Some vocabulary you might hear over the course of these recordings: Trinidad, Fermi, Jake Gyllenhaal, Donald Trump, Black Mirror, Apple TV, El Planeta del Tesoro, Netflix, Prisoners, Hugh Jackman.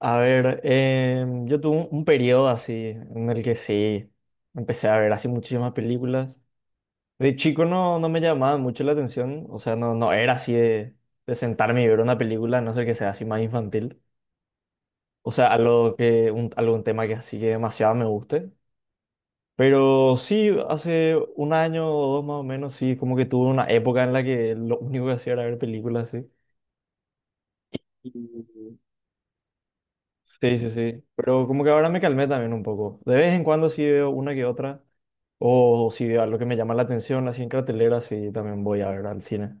A ver, yo tuve un periodo así en el que sí empecé a ver así muchísimas películas. De chico no, no me llamaba mucho la atención, o sea, no, no era así de sentarme y ver una película, a no sé que sea así más infantil. O sea, algo que, algún tema que así que demasiado me guste. Pero sí, hace un año o dos más o menos, sí, como que tuve una época en la que lo único que hacía era ver películas, sí. Sí, sí, sí. Pero como que ahora me calmé también un poco. De vez en cuando sí veo una que otra. O si veo algo que me llama la atención, así en cartelera, sí también voy a ver al cine.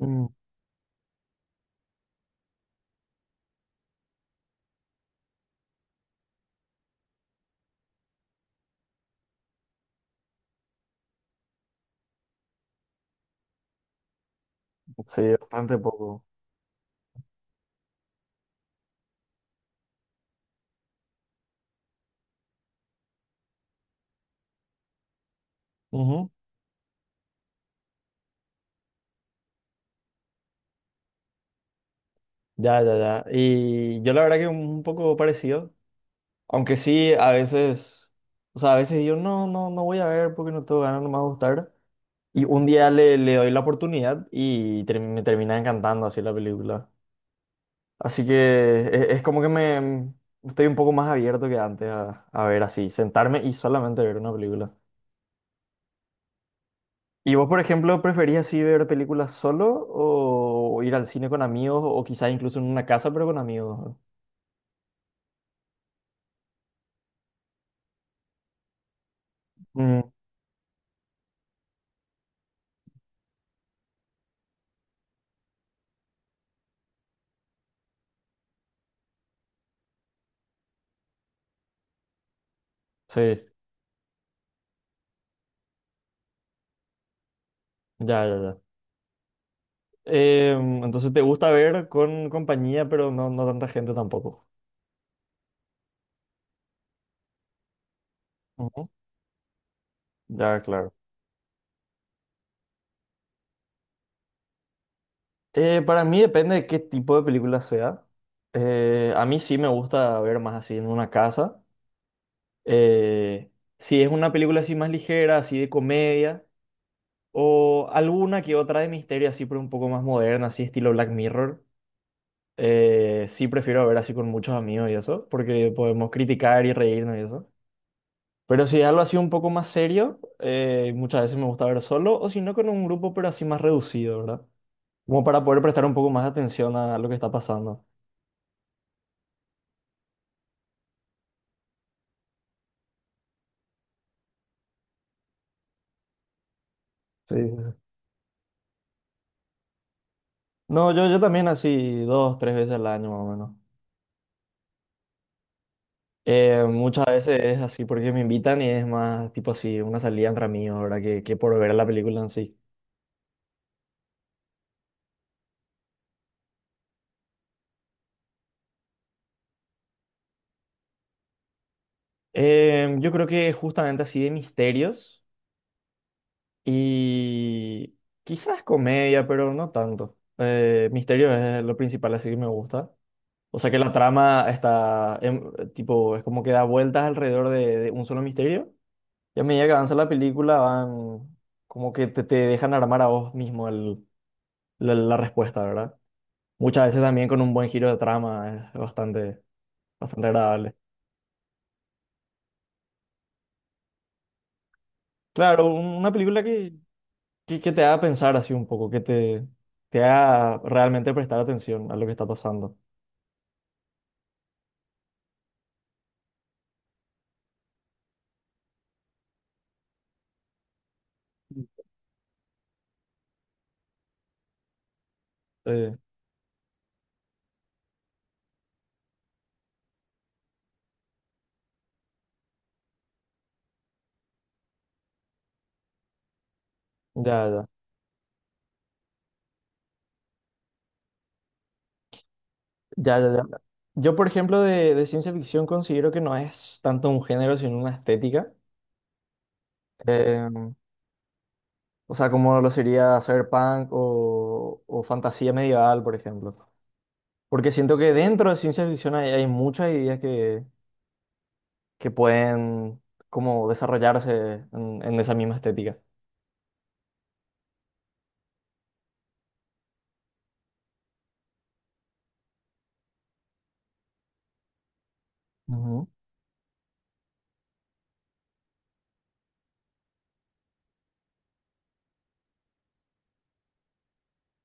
Mm, sí, bastante poco. Ujú. Ya, ya, ya. Y yo la verdad que un poco parecido. Aunque sí, a veces, o sea, a veces digo, no, no, no voy a ver porque no tengo ganas, no me va a gustar. Y un día le doy la oportunidad y me termina encantando así la película. Así que es, como que me estoy un poco más abierto que antes a ver así, sentarme y solamente ver una película. ¿Y vos, por ejemplo, preferís así ver películas solo o ir al cine con amigos o quizás incluso en una casa pero con amigos? Mm, sí, ya, ya, ya. Entonces te gusta ver con compañía pero no, no tanta gente tampoco. Ujú. Ya, claro. Para mí depende de qué tipo de película sea. A mí sí me gusta ver más así en una casa. Eh, si es una película así más ligera, así de comedia, o alguna que otra de misterio así, pero un poco más moderna, así estilo Black Mirror, sí prefiero ver así con muchos amigos y eso, porque podemos criticar y reírnos y eso. Pero si es algo así un poco más serio, muchas veces me gusta ver solo, o si no con un grupo, pero así más reducido, ¿verdad? Como para poder prestar un poco más de atención a lo que está pasando. Sí, sí, sí. No, yo, también así dos, tres veces al año más o menos. Muchas veces es así porque me invitan y es más tipo así, una salida entre amigos, ¿verdad? Que por ver la película en sí. Yo creo que justamente así de misterios y quizás comedia, pero no tanto. Misterio es lo principal, así que me gusta. O sea que la trama está, tipo, es como que da vueltas alrededor de, un solo misterio. Y a medida que avanza la película van, como que te dejan armar a vos mismo la respuesta, ¿verdad? Muchas veces también con un buen giro de trama, es bastante, bastante agradable. Claro, una película que, te haga pensar así un poco, que te haga realmente prestar atención a lo que está pasando. Eh, ya, ya, ya, ya, ya. Yo, por ejemplo, de ciencia ficción considero que no es tanto un género, sino una estética. Eh, o sea, como lo sería cyberpunk o, fantasía medieval, por ejemplo. Porque siento que dentro de ciencia ficción hay, muchas ideas que pueden como desarrollarse en esa misma estética. Ujú.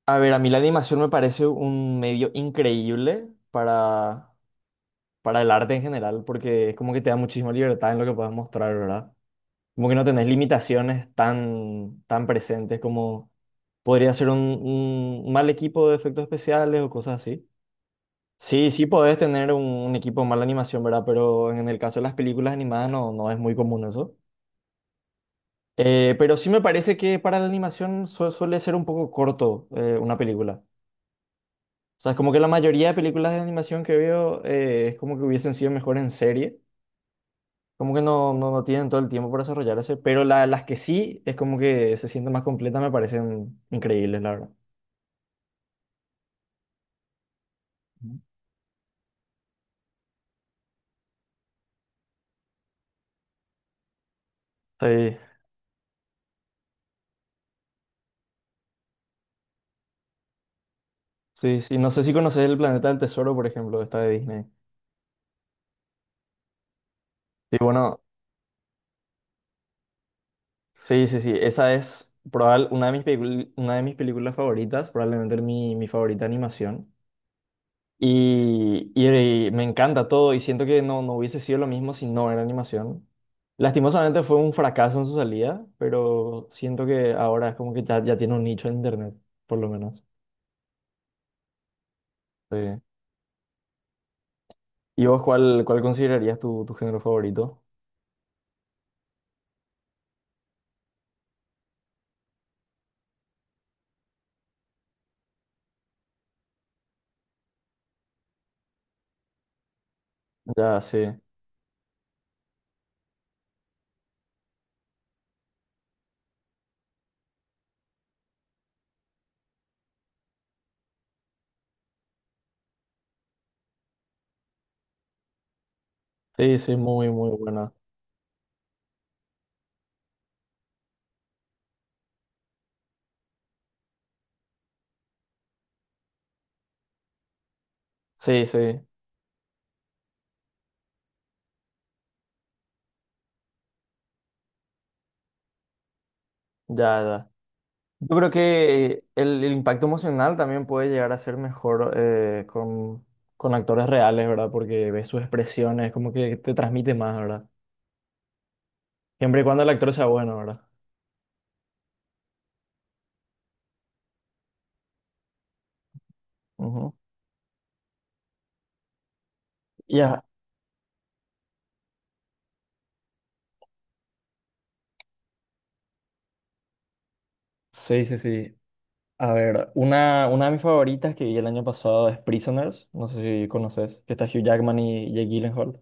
A ver, a mí la animación me parece un medio increíble para el arte en general, porque es como que te da muchísima libertad en lo que puedes mostrar, ¿verdad? Como que no tenés limitaciones tan, tan presentes como podría ser un, mal equipo de efectos especiales o cosas así. Sí, sí podés tener un equipo de mala animación, ¿verdad? Pero en el caso de las películas animadas no, no es muy común eso. Pero sí me parece que para la animación suele ser un poco corto una película. O sea, es como que la mayoría de películas de animación que veo es como que hubiesen sido mejor en serie. Como que no, no, no tienen todo el tiempo para desarrollarse, pero las que sí es como que se sienten más completas me parecen increíbles, la verdad. Ujú. Sí, sí, sí. No sé si conoces El Planeta del Tesoro, por ejemplo, esta de Disney. Sí, bueno, sí, sí, sí. Esa es probable, una de mis películas favoritas, probablemente mi, favorita animación. Y me encanta todo y siento que no, no hubiese sido lo mismo si no era animación. Lastimosamente fue un fracaso en su salida, pero siento que ahora es como que ya, tiene un nicho en internet, por lo menos. Sí. ¿Y vos cuál, considerarías tu género favorito? Ya, sí. Sí, sí, muy, muy buena. Sí, sí, ya, ya. Yo creo que el, impacto emocional también puede llegar a ser mejor con actores reales, ¿verdad? Porque ves sus expresiones, como que te transmite más, ¿verdad? Siempre y cuando el actor sea bueno, ¿verdad? Ujú. Ya, sí, sí, sí. A ver, una de mis favoritas que vi el año pasado es Prisoners, no sé si conoces, que está Hugh Jackman y Jake Gyllenhaal.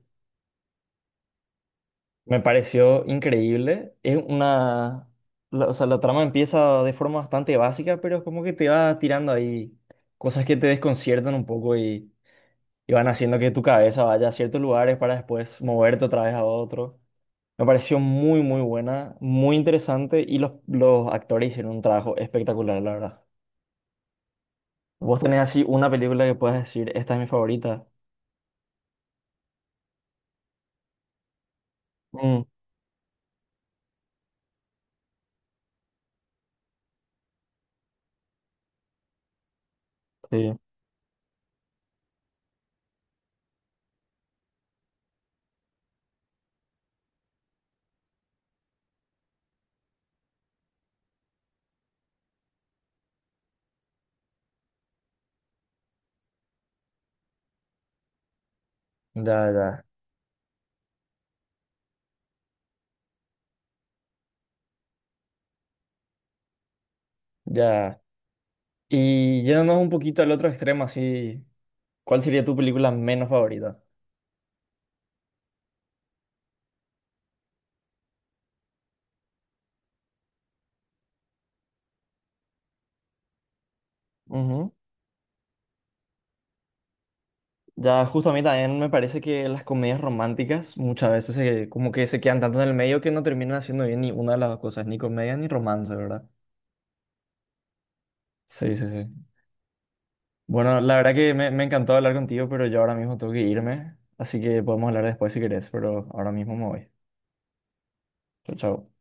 Me pareció increíble. O sea, la trama empieza de forma bastante básica, pero es como que te va tirando ahí cosas que te desconciertan un poco y, van haciendo que tu cabeza vaya a ciertos lugares para después moverte otra vez a otro. Me pareció muy, muy buena, muy interesante y los actores hicieron un trabajo espectacular, la verdad. ¿Vos tenés así una película que puedas decir, esta es mi favorita? Mm, sí, ya, ya, ya. Y yéndonos un poquito al otro extremo, así, ¿cuál sería tu película menos favorita? Ujú. Ya, justo a mí también me parece que las comedias románticas muchas veces como que se quedan tanto en el medio que no terminan haciendo bien ni una de las dos cosas, ni comedia ni romance, ¿verdad? Sí, sí, sí. Bueno, la verdad que me, encantó hablar contigo, pero yo ahora mismo tengo que irme, así que podemos hablar después si querés, pero ahora mismo me voy. Chao, chao.